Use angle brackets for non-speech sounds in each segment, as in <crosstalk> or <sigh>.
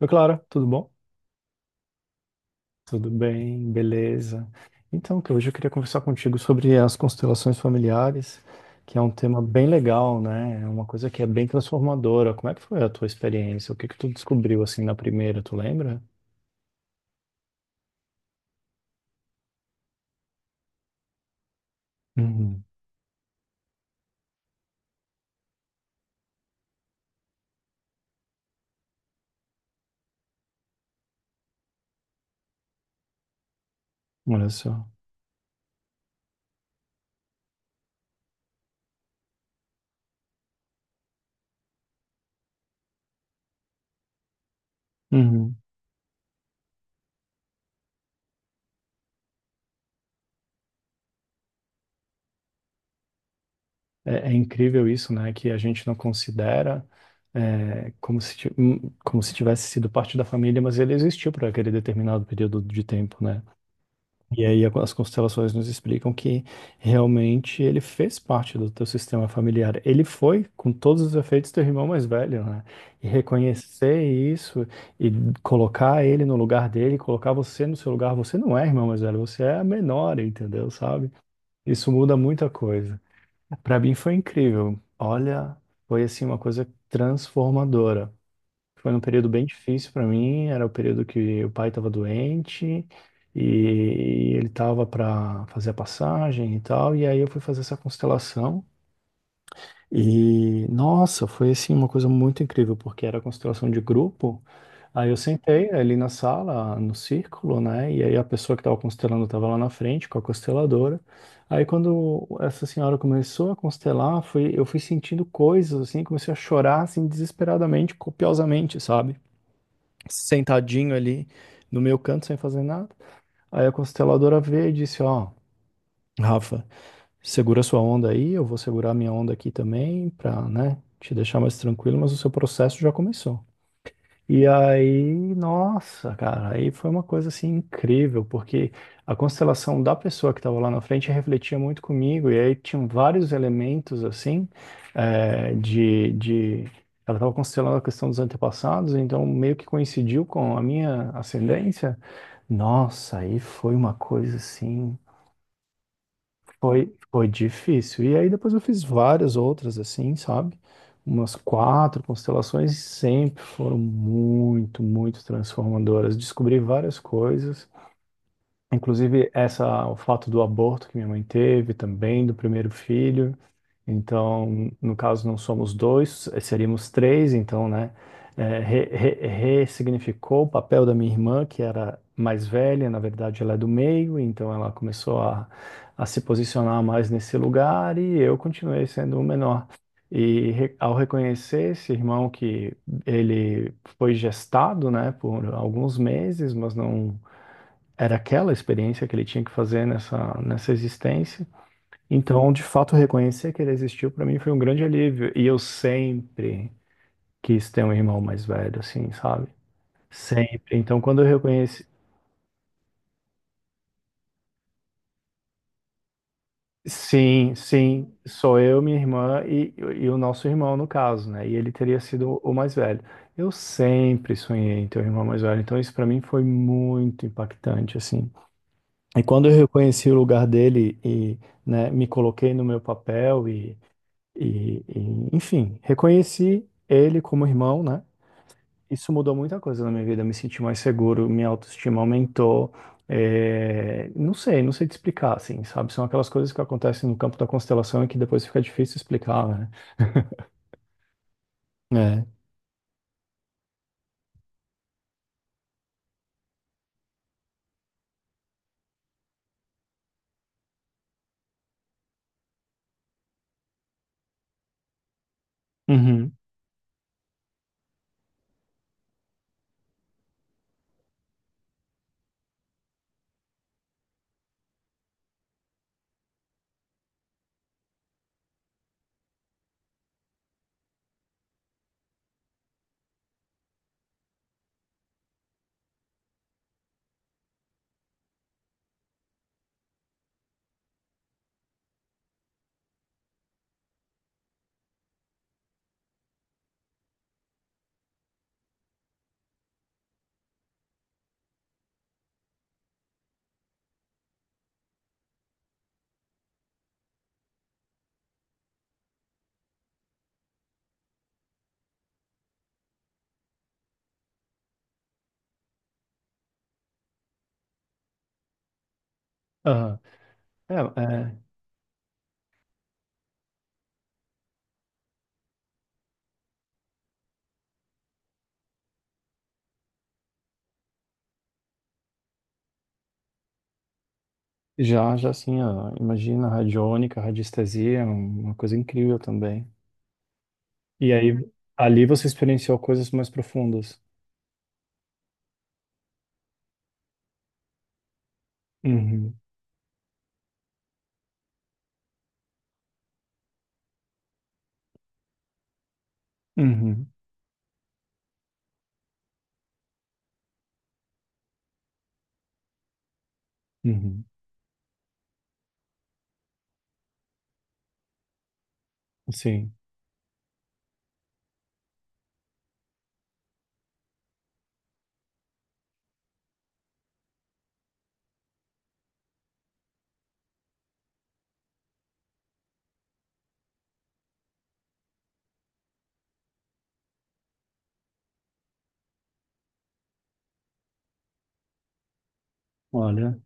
Oi, Clara, tudo bom? Tudo bem, beleza. Então, que hoje eu queria conversar contigo sobre as constelações familiares, que é um tema bem legal, né? É uma coisa que é bem transformadora. Como é que foi a tua experiência? O que que tu descobriu assim na primeira, tu lembra? Uhum. Olha só. Uhum. É, é incrível isso, né? Que a gente não considera como se, como se tivesse sido parte da família, mas ele existiu para aquele determinado período de tempo, né? E aí as constelações nos explicam que realmente ele fez parte do teu sistema familiar. Ele foi, com todos os efeitos, teu irmão mais velho, né? E reconhecer isso e colocar ele no lugar dele, colocar você no seu lugar, você não é irmão mais velho, você é a menor, entendeu? Sabe? Isso muda muita coisa. Para mim foi incrível. Olha, foi assim uma coisa transformadora. Foi um período bem difícil para mim. Era o período que o pai estava doente e ele estava para fazer a passagem e tal. E aí eu fui fazer essa constelação. E nossa, foi assim uma coisa muito incrível, porque era constelação de grupo. Aí eu sentei ali na sala, no círculo, né? E aí a pessoa que estava constelando estava lá na frente com a consteladora. Aí quando essa senhora começou a constelar, foi, eu fui sentindo coisas assim, comecei a chorar assim desesperadamente, copiosamente, sabe? Sentadinho ali no meu canto, sem fazer nada. Aí a consteladora veio e disse, ó, Rafa, segura sua onda aí, eu vou segurar minha onda aqui também, pra, né, te deixar mais tranquilo, mas o seu processo já começou. E aí, nossa, cara, aí foi uma coisa assim incrível, porque a constelação da pessoa que estava lá na frente refletia muito comigo, e aí tinham vários elementos assim, eh, de, de... Ela estava constelando a questão dos antepassados, então meio que coincidiu com a minha ascendência. Nossa, aí foi uma coisa assim. Foi, foi difícil. E aí depois eu fiz várias outras assim, sabe? Umas quatro constelações sempre foram muito, muito transformadoras. Descobri várias coisas, inclusive essa, o fato do aborto que minha mãe teve também, do primeiro filho. Então, no caso, não somos dois, seríamos três, então, né? Ressignificou o papel da minha irmã, que era mais velha, na verdade ela é do meio, então ela começou a se posicionar mais nesse lugar e eu continuei sendo o menor. E ao reconhecer esse irmão que ele foi gestado, né, por alguns meses, mas não era aquela experiência que ele tinha que fazer nessa existência, então, de fato, reconhecer que ele existiu para mim foi um grande alívio. E eu sempre quis ter um irmão mais velho, assim, sabe? Sempre. Então, quando eu reconheci. Sim, sim, sou eu, minha irmã e o nosso irmão, no caso, né? E ele teria sido o mais velho. Eu sempre sonhei em ter um irmão mais velho. Então, isso para mim foi muito impactante, assim. E quando eu reconheci o lugar dele né, me coloquei no meu papel e enfim, reconheci ele como irmão, né? Isso mudou muita coisa na minha vida. Eu me senti mais seguro, minha autoestima aumentou. É, não sei, não sei te explicar, assim, sabe? São aquelas coisas que acontecem no campo da constelação e que depois fica difícil explicar, né? <laughs> É. Uhum. Aham. É, é, já, já assim, ó, imagina radiônica, radiestesia, é um, uma coisa incrível também. E aí, ali você experienciou coisas mais profundas. Uhum. Uhum. Uhum. Sim. Olha.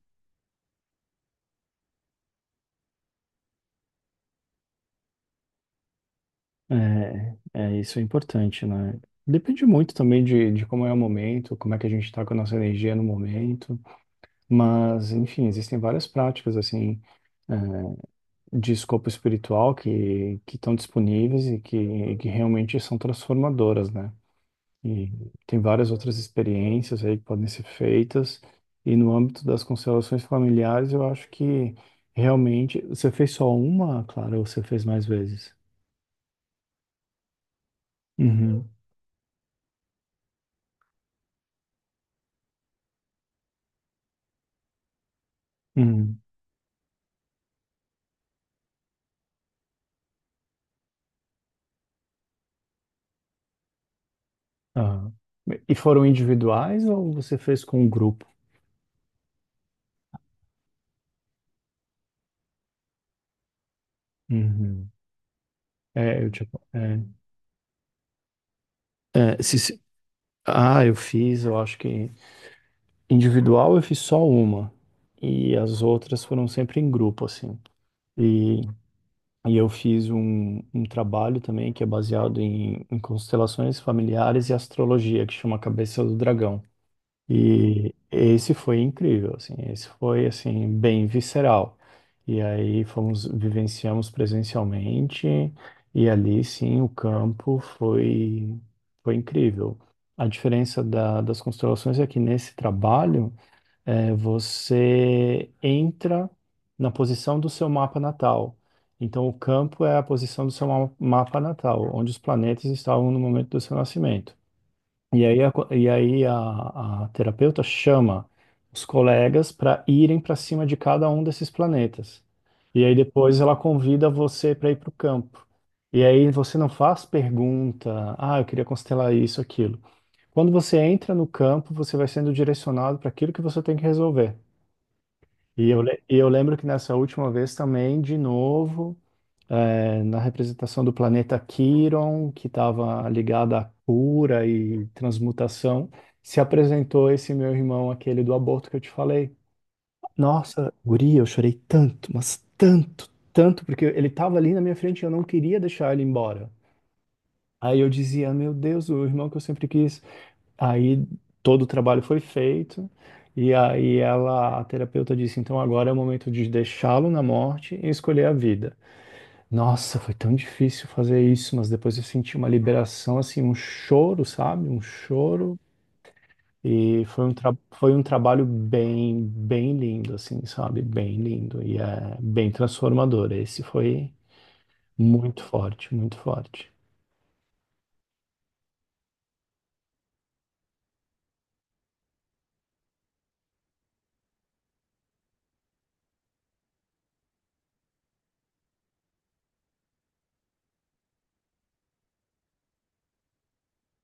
É, é, isso é importante, né? Depende muito também de como é o momento, como é que a gente está com a nossa energia no momento, mas, enfim, existem várias práticas, assim, é, de escopo espiritual que estão disponíveis que realmente são transformadoras, né? E tem várias outras experiências aí que podem ser feitas, e no âmbito das constelações familiares, eu acho que realmente, você fez só uma, Clara, ou você fez mais vezes? Uhum. Uhum. Ah, e foram individuais ou você fez com um grupo? Uhum. É, eu tipo, é, é, se- se- ah, Eu fiz, eu acho que individual eu fiz só uma e as outras foram sempre em grupo, assim. E, e eu fiz um, um trabalho também que é baseado em constelações familiares e astrologia, que chama Cabeça do Dragão. E esse foi incrível, assim, esse foi assim bem visceral. E aí fomos vivenciamos presencialmente e ali sim o campo foi foi incrível. A diferença das constelações é que nesse trabalho você entra na posição do seu mapa natal. Então o campo é a posição do seu mapa natal, onde os planetas estavam no momento do seu nascimento. E aí, a, co- e aí a terapeuta chama os colegas para irem para cima de cada um desses planetas. E aí depois ela convida você para ir para o campo. E aí você não faz pergunta, ah, eu queria constelar isso, aquilo. Quando você entra no campo, você vai sendo direcionado para aquilo que você tem que resolver. E eu lembro que nessa última vez também, de novo na representação do planeta Quiron, que estava ligado à cura e transmutação, se apresentou esse meu irmão, aquele do aborto que eu te falei. Nossa, guria, eu chorei tanto, mas tanto, tanto, porque ele estava ali na minha frente e eu não queria deixar ele embora. Aí eu dizia, meu Deus, o irmão que eu sempre quis. Aí todo o trabalho foi feito. E aí ela, a terapeuta disse, então agora é o momento de deixá-lo na morte e escolher a vida. Nossa, foi tão difícil fazer isso, mas depois eu senti uma liberação, assim, um choro, sabe? Um choro. E foi um, tra foi um trabalho bem, bem lindo, assim, sabe? Bem lindo. E é bem transformador. Esse foi muito forte, muito forte.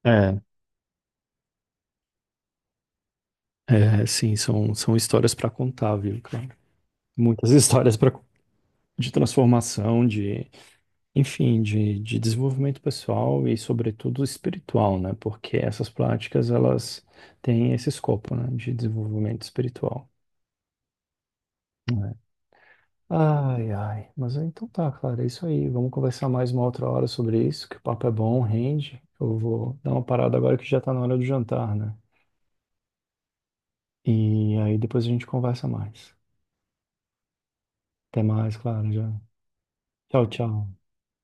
É, sim, são, são histórias para contar, viu, cara? Muitas histórias pra, de transformação, de enfim, de desenvolvimento pessoal e, sobretudo, espiritual, né? Porque essas práticas, elas têm esse escopo, né? De desenvolvimento espiritual. Né? Ai, ai. Mas ah, então tá, Clara, é isso aí. Vamos conversar mais uma outra hora sobre isso, que o papo é bom, rende. Eu vou dar uma parada agora que já tá na hora do jantar, né? E aí depois a gente conversa mais. Até mais, Clara, já. Tchau, tchau.